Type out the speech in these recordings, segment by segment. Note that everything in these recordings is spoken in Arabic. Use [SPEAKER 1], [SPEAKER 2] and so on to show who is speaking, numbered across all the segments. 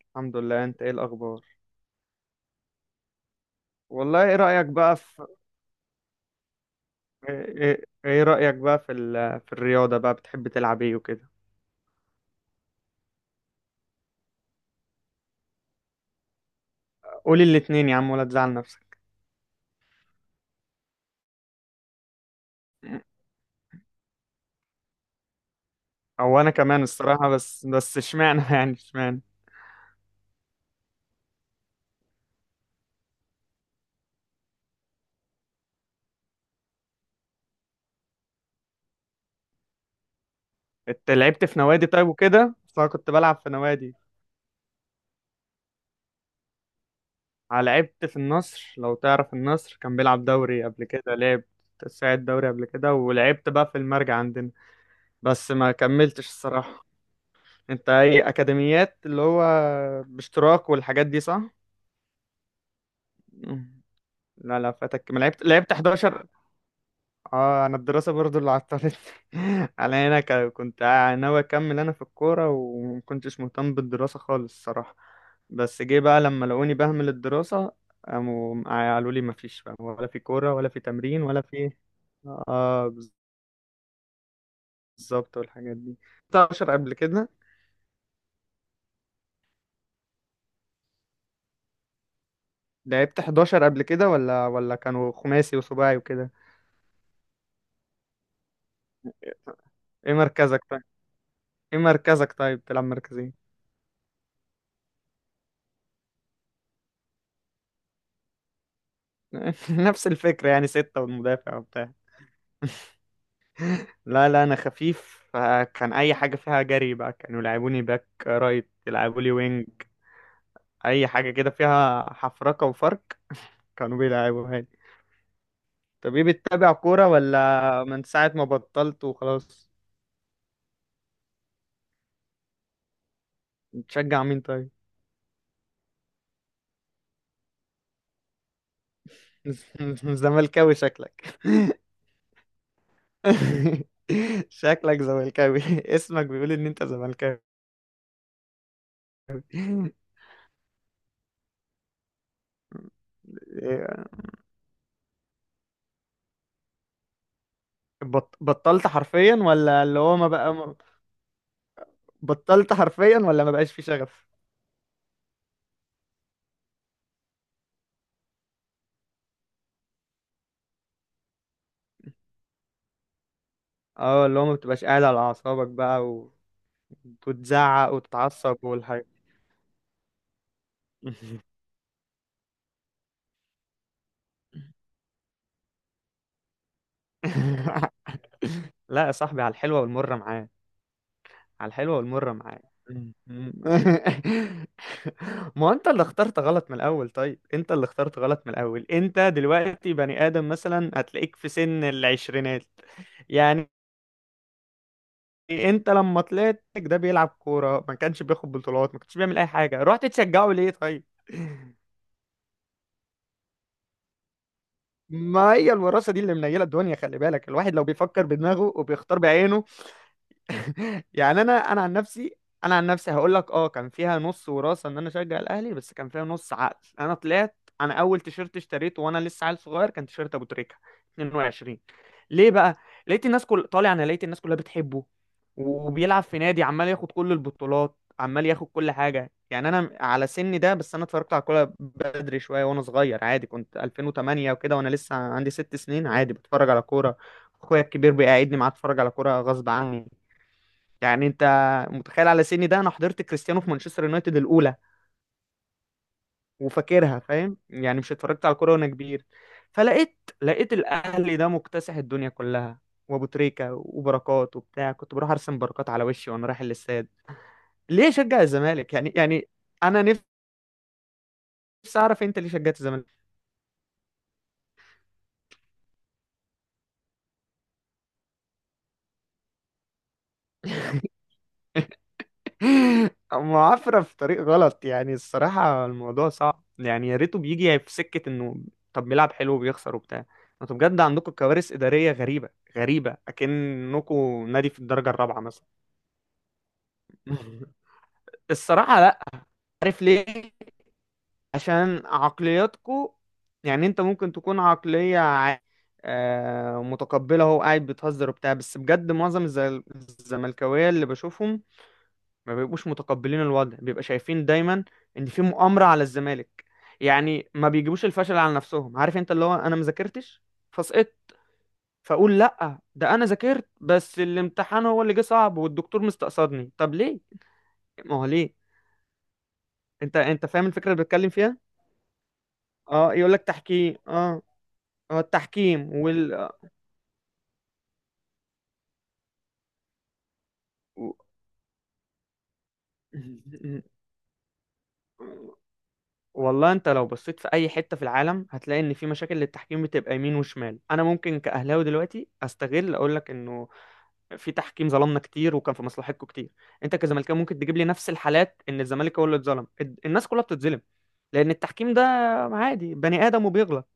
[SPEAKER 1] الحمد لله. انت ايه الاخبار؟ والله، ايه رايك بقى في... ايه رايك بقى في في الرياضه بقى؟ بتحب تلعب ايه وكده؟ قولي الاتنين يا عم ولا تزعل نفسك. او انا كمان الصراحه، بس اشمعنى يعني اشمعنى. انت لعبت في نوادي طيب وكده؟ بس انا كنت بلعب في نوادي. لعبت في النصر، لو تعرف النصر كان بيلعب دوري قبل كده، لعب ساعد دوري قبل كده، ولعبت بقى في المرجع عندنا، بس ما كملتش الصراحه. انت ايه، اكاديميات اللي هو باشتراك والحاجات دي صح؟ لا لا، فاتك، ما لعبت 11. اه، انا الدراسه برضو اللي عطلت. على هنا كنت ناوي اكمل انا في الكوره، ومكنتش مهتم بالدراسه خالص الصراحه. بس جه بقى لما لقوني بهمل الدراسه، قاموا قالوا لي مفيش بقى، ولا في كوره ولا في تمرين ولا في... اه، بالظبط، والحاجات دي. 11 قبل كده؟ لعبت 11 قبل كده، ولا كانوا خماسي وسباعي وكده؟ ايه مركزك طيب؟ ايه مركزك طيب، تلعب مركز؟ نفس الفكرة يعني، 6 والمدافع وبتاع. لا لا، أنا خفيف، فكان أي حاجة فيها جري بقى كانوا يلعبوني باك رايت، يلعبوا لي وينج. أي حاجة كده فيها حفركة وفرق كانوا بيلعبوها لي. طب إيه، بتتابع كورة ولا من ساعة ما بطلت وخلاص؟ بتشجع مين طيب؟ زملكاوي شكلك. شكلك زملكاوي. اسمك بيقول إن أنت زملكاوي. بطلت حرفيا ولا اللي هو ما بقى؟ بطلت حرفيا ولا ما بقاش في شغف؟ اه، اللي هو ما بتبقاش قاعد على اعصابك بقى، و... وتزعق وتتعصب والحاجة. لا يا صاحبي، على الحلوة والمرة معاه. على الحلوة والمرة معاه. ما هو انت اللي اخترت غلط من الاول. طيب، انت اللي اخترت غلط من الاول. انت دلوقتي بني ادم مثلا هتلاقيك في سن العشرينات يعني. انت لما طلعت ده بيلعب كورة، ما كانش بياخد بطولات، ما كانش بيعمل اي حاجة، رحت تشجعه ليه طيب؟ ما هي الوراثة دي اللي منيلة الدنيا. خلي بالك، الواحد لو بيفكر بدماغه وبيختار بعينه. يعني انا عن نفسي، انا عن نفسي هقول لك اه، كان فيها نص وراثه ان انا اشجع الاهلي، بس كان فيها نص عقل. انا طلعت، انا اول تيشيرت اشتريته وانا لسه عيل صغير كان تيشيرت ابو تريكه 22. ليه بقى؟ لقيت الناس كل طالع انا لقيت الناس كلها بتحبه، وبيلعب في نادي عمال ياخد كل البطولات، عمال ياخد كل حاجه. يعني انا على سني ده، بس انا اتفرجت على الكوره بدري شويه وانا صغير، عادي كنت 2008 وكده، وانا لسه عندي 6 سنين، عادي بتفرج على كوره. اخويا الكبير بيقعدني معاه اتفرج على كوره غصب عني. يعني انت متخيل، على سني ده انا حضرت كريستيانو في مانشستر يونايتد الاولى وفاكرها. فاهم يعني، مش اتفرجت على الكوره وانا كبير. فلقيت الاهلي ده مكتسح الدنيا كلها، وابو تريكه وبركات وبتاع. كنت بروح ارسم بركات على وشي وانا رايح الاستاد. ليه شجع الزمالك يعني انا نفسي اعرف انت ليه شجعت الزمالك. معافرة في طريق غلط يعني، الصراحة الموضوع صعب يعني، يا ريته بيجي في سكة انه طب بيلعب حلو وبيخسر وبتاع. انتوا بجد عندكم كوارث إدارية غريبة، غريبة أكنكم نادي في الدرجة الرابعة مثلا. الصراحة لا. عارف ليه؟ عشان عقلياتكم. يعني انت ممكن تكون عقلية متقبلة، هو قاعد بتهزر وبتاع، بس بجد معظم الزملكاوية اللي بشوفهم ما بيبقوش متقبلين الوضع، بيبقى شايفين دايما ان في مؤامرة على الزمالك. يعني ما بيجيبوش الفشل على نفسهم. عارف انت اللي هو انا ما ذاكرتش فسقطت، فاقول لا، ده انا ذاكرت، بس الامتحان هو اللي جه صعب والدكتور مستقصدني. طب ليه؟ ما هو ليه؟ انت فاهم الفكرة اللي بتكلم فيها. اه، يقول لك تحكيم، اه. اه، التحكيم وال... و-... والله انت لو بصيت في اي حتة في العالم هتلاقي ان في مشاكل للتحكيم بتبقى يمين وشمال. انا ممكن كأهلاوي دلوقتي استغل اقول لك انه في تحكيم ظلمنا كتير وكان في مصلحتكم كتير. انت كزملكاوي ممكن تجيب لي نفس الحالات ان الزمالك هو اللي اتظلم. الناس كلها بتتظلم لان التحكيم ده عادي بني ادم وبيغلط.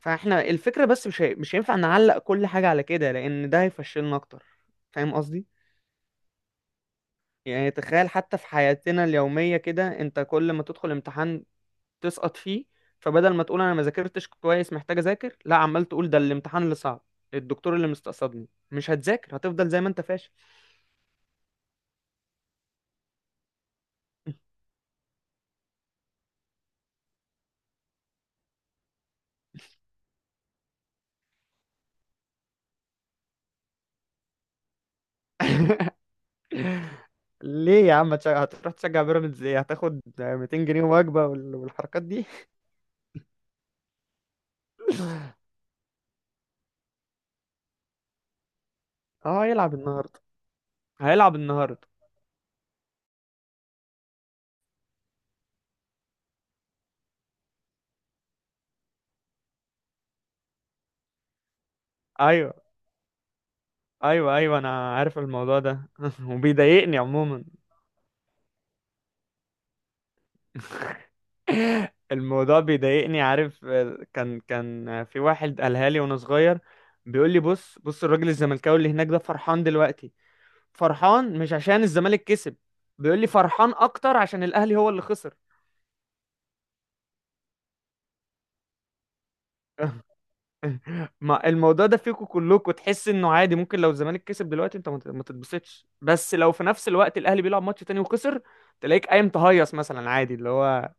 [SPEAKER 1] فاحنا الفكره بس مش هينفع نعلق كل حاجه على كده، لان ده هيفشلنا اكتر. فاهم قصدي؟ يعني تخيل حتى في حياتنا اليوميه كده، انت كل ما تدخل امتحان تسقط فيه، فبدل ما تقول انا ما ذاكرتش كويس، محتاج اذاكر، لا عمال تقول ده الامتحان اللي صعب، الدكتور اللي مستقصدني. مش هتذاكر، هتفضل زي ما انت فاشل. ليه يا عم هتروح تشجع بيراميدز؟ ايه، هتاخد 200 جنيه وجبة والحركات دي؟ اه، هيلعب النهاردة. هيلعب النهاردة. ايوه ايوه، ايوه انا عارف الموضوع ده. وبيضايقني عموما. الموضوع بيضايقني، عارف. كان في واحد قالها لي وانا صغير، بيقول لي، بص بص، الراجل الزملكاوي اللي هناك ده فرحان دلوقتي، فرحان مش عشان الزمالك كسب، بيقول لي فرحان اكتر عشان الاهلي هو اللي خسر. ما الموضوع ده فيكوا كلكوا، تحس انه عادي، ممكن لو الزمالك كسب دلوقتي انت ما تتبسطش، بس لو في نفس الوقت الاهلي بيلعب ماتش تاني وخسر، تلاقيك قايم تهيص مثلا عادي اللي هو.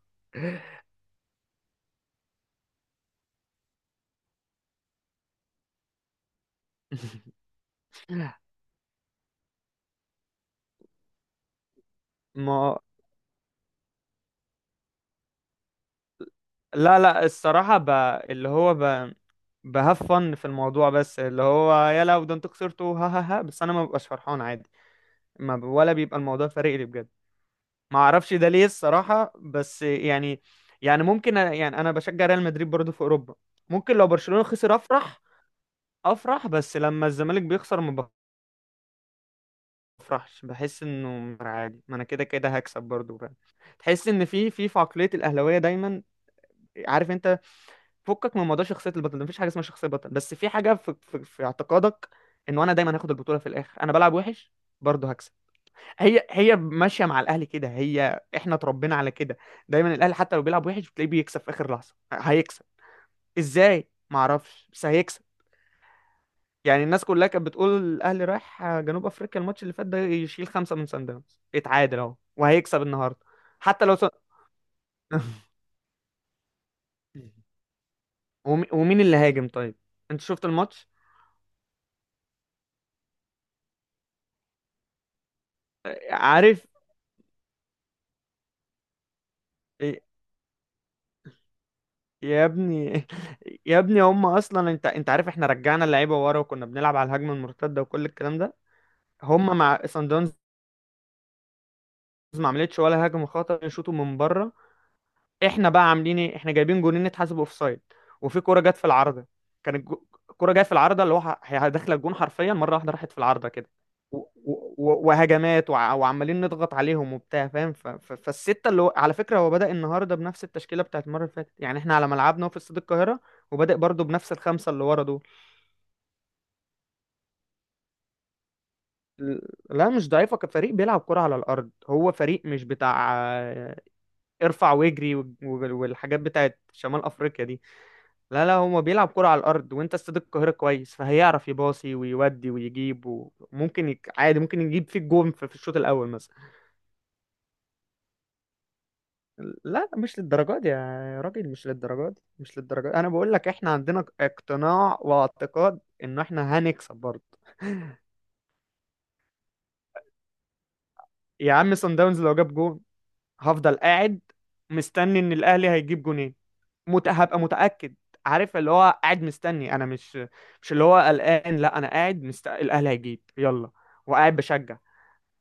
[SPEAKER 1] ما لا لا، الصراحة ب... اللي هو ب... بهاف فن في الموضوع، بس اللي هو يلا ده انتوا خسرتوا، ها ها ها، بس انا ما ببقاش فرحان عادي. ما ب... ولا بيبقى الموضوع فارق لي بجد. ما اعرفش ده ليه الصراحة، بس يعني. يعني ممكن يعني انا بشجع ريال مدريد برضه في اوروبا، ممكن لو برشلونة خسر افرح. افرح، بس لما الزمالك بيخسر ما بفرحش، بحس انه عادي، ما انا كده كده هكسب برضو بقى. تحس ان في عقليه الاهلاويه دايما، عارف انت، فكك من موضوع شخصيه البطل ده، مفيش حاجه اسمها شخصيه بطل، بس في حاجه في اعتقادك انه انا دايما هاخد البطوله في الاخر. انا بلعب وحش برضه هكسب. هي هي ماشيه مع الاهلي كده، هي احنا اتربينا على كده. دايما الاهلي حتى لو بيلعب وحش بتلاقيه بيكسب في اخر لحظه، هيكسب ازاي معرفش، بس هيكسب. يعني الناس كلها كانت بتقول الاهلي رايح جنوب افريقيا الماتش اللي فات ده يشيل خمسه من سان داونز، يتعادل اهو وهيكسب النهارده. حتى لو س... ومين اللي هاجم طيب؟ انت شفت الماتش؟ عارف يا ابني. يا ابني هم اصلا، انت عارف، احنا رجعنا اللعيبه ورا وكنا بنلعب على الهجمه المرتده وكل الكلام ده، هم مع سان داونز ما عملتش ولا هجمه خطر، يشوطوا من بره. احنا بقى عاملين ايه؟ احنا جايبين جونين اتحسبوا اوف سايد، وفي كوره جت في العارضه. كان الكوره جايه في العارضه، اللي هو هي داخله الجون حرفيا مره واحده، راحت في العارضه كده. وهجمات، وعمالين نضغط عليهم وبتاع، فاهم؟ فالسته اللي هو على فكره هو بدأ النهارده بنفس التشكيله بتاعت المره اللي فاتت، يعني احنا على ملعبنا في استاد القاهره، وبادئ برضه بنفس الخمسه اللي ورا دول. ل- لا مش ضعيفه، كفريق بيلعب كرة على الارض، هو فريق مش بتاع آه، ارفع واجري والحاجات بتاعت شمال افريقيا دي. لا لا، هو بيلعب كرة على الأرض، وأنت استاد القاهرة كويس، فهيعرف يباصي ويودي ويجيب، وممكن عادي ممكن يجيب فيك جون في الشوط الأول مثلا. لا مش للدرجة دي يا راجل، مش للدرجة دي، مش للدرجة دي. أنا بقول لك إحنا عندنا اقتناع واعتقاد إن إحنا هنكسب برضه. يا عم صن داونز لو جاب جون، هفضل قاعد مستني ان الاهلي هيجيب جونين. هبقى متاكد. عارف، اللي هو قاعد مستني، انا مش، مش اللي هو قلقان، لا انا قاعد الاهلي هيجيب يلا، وقاعد بشجع.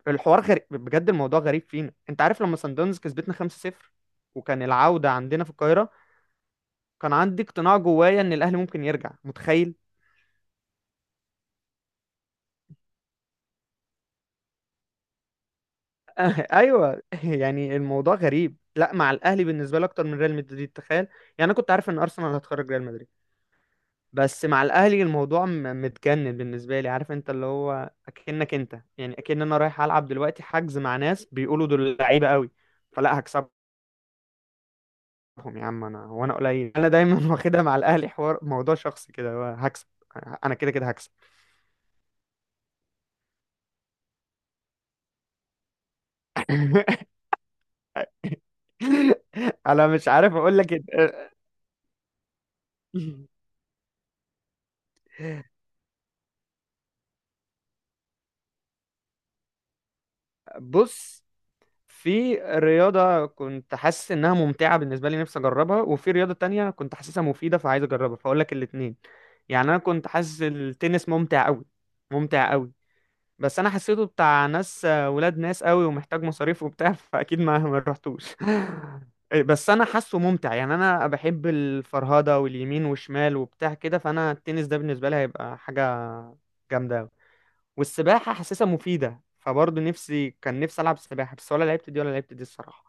[SPEAKER 1] الحوار غريب بجد، الموضوع غريب فينا. انت عارف لما سان داونز كسبتنا 5-0 وكان العودة عندنا في القاهرة، كان عندي اقتناع جوايا ان الاهلي ممكن يرجع، متخيل؟ ايوه، يعني الموضوع غريب، لا مع الاهلي بالنسبة لي اكتر من ريال مدريد. تخيل يعني، انا كنت عارف ان ارسنال هتخرج ريال مدريد، بس مع الاهلي الموضوع متجنن بالنسبة لي. عارف انت اللي هو اكنك انت يعني اكن انا رايح العب دلوقتي حجز مع ناس بيقولوا دول لعيبة قوي، فلا هكسب، بكسبهم. يا عم انا، وانا قليل انا دايما واخدها مع الاهلي حوار موضوع شخصي كده، هو هكسب، انا كده كده هكسب. انا مش عارف اقول لك إيه. بص، في رياضة كنت حاسس انها ممتعة بالنسبة لي، نفسي اجربها، وفي رياضة تانية كنت حاسسها مفيدة فعايز اجربها، فاقول لك الاتنين. يعني انا كنت حاسس التنس ممتع قوي، ممتع قوي، بس انا حسيته بتاع ناس ولاد ناس قوي، ومحتاج مصاريف وبتاع فاكيد ما رحتوش. بس انا حاسه ممتع يعني، انا بحب الفرهده واليمين والشمال وبتاع كده، فانا التنس ده بالنسبه لي هيبقى حاجه جامده أوي. والسباحه حاسسها مفيده، فبرضه نفسي، كان نفسي العب سباحه، بس ولا لعبت دي ولا لعبت دي الصراحه.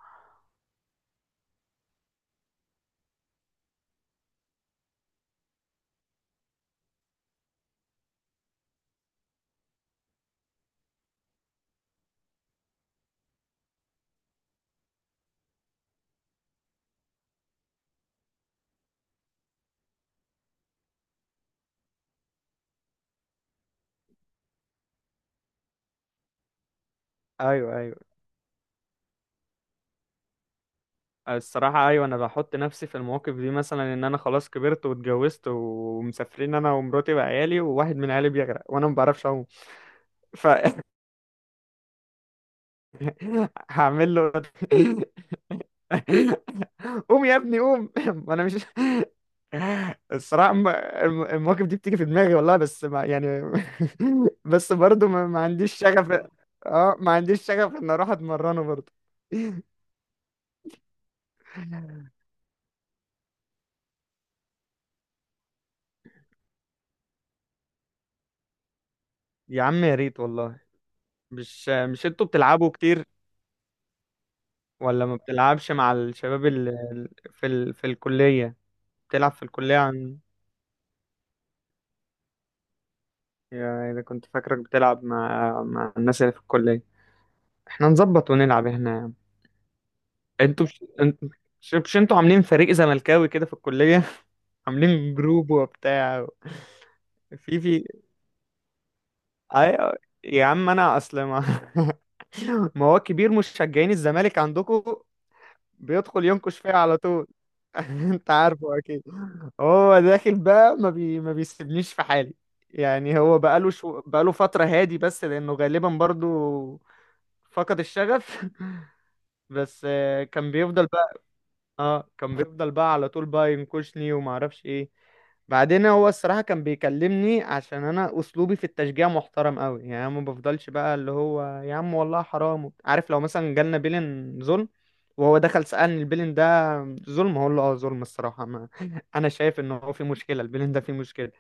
[SPEAKER 1] ايوه ايوه، الصراحه ايوه، انا بحط نفسي في المواقف دي، مثلا ان انا خلاص كبرت واتجوزت ومسافرين انا ومراتي وعيالي، وواحد من عيالي بيغرق وانا ما بعرفش اعوم، ف... هعمل له قوم يا ابني قوم. ما انا مش، الصراحه المواقف دي بتيجي في دماغي والله، بس ما يعني. بس برضو ما عنديش شغف. اه، ما عنديش شغف ان اروح اتمرنه برضو. يا عم يا ريت والله. مش انتوا بتلعبوا كتير، ولا ما بتلعبش مع الشباب اللي في في الكليه؟ بتلعب في الكليه؟ عن، يعني اذا كنت فاكرك بتلعب مع الناس اللي في الكليه، احنا نظبط ونلعب هنا يا عم. انتوا مش انتوا، مش انتوا عاملين فريق زملكاوي كده في الكلية؟ عاملين جروب وبتاع، و-، في، ايوه، يا عم انا اصل ما... ما هو كبير مشجعين الزمالك عندكم بيدخل ينكش فيها على طول. انت عارفه اكيد. هو داخل بقى، ما بيسيبنيش في حالي. يعني هو بقاله فترة هادي، بس لانه غالبا برضو فقد الشغف. بس كان بيفضل، اه، كان بيفضل بقى على طول بقى ينكشني وما اعرفش ايه. بعدين هو الصراحة كان بيكلمني عشان انا اسلوبي في التشجيع محترم قوي، يعني أنا ما بفضلش بقى اللي هو يا عم والله حرام، عارف لو مثلا جالنا بيلن ظلم وهو دخل سألني البيلن ده ظلم، هقول له اه ظلم الصراحة، ما انا شايف ان هو في مشكلة، البيلن ده في مشكلة.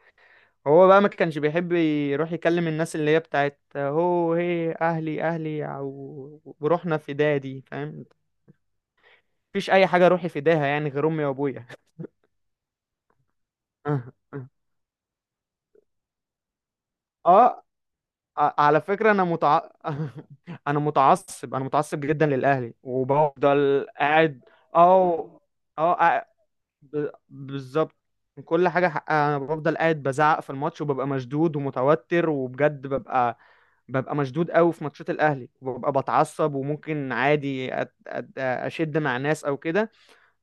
[SPEAKER 1] هو بقى ما كانش بيحب يروح يكلم الناس اللي هي بتاعت هو، هي اهلي اهلي، او وروحنا فدادي، فاهم؟ مفيش اي حاجة روحي فداها يعني غير امي وابويا. اه، آه، على فكرة انا انا متعصب جدا للاهلي وبفضل قاعد. او اه، بالظبط، كل حاجة حقها انا بفضل قاعد بزعق في الماتش وببقى مشدود ومتوتر، وبجد ببقى مشدود قوي في ماتشات الاهلي، وببقى بتعصب، وممكن عادي اشد مع ناس او كده.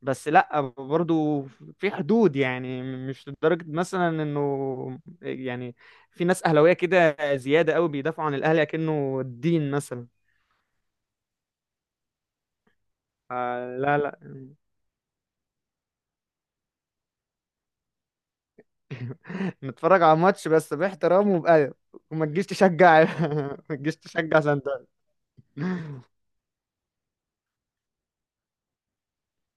[SPEAKER 1] بس لا برضو في حدود يعني، مش لدرجة مثلا انه يعني في ناس اهلاوية كده زيادة قوي بيدافعوا عن الاهلي كأنه الدين مثلا. آه لا لا. نتفرج على ماتش بس باحترام وبأدب، وما تجيش تشجع. ما تجيش تشجع سانتا.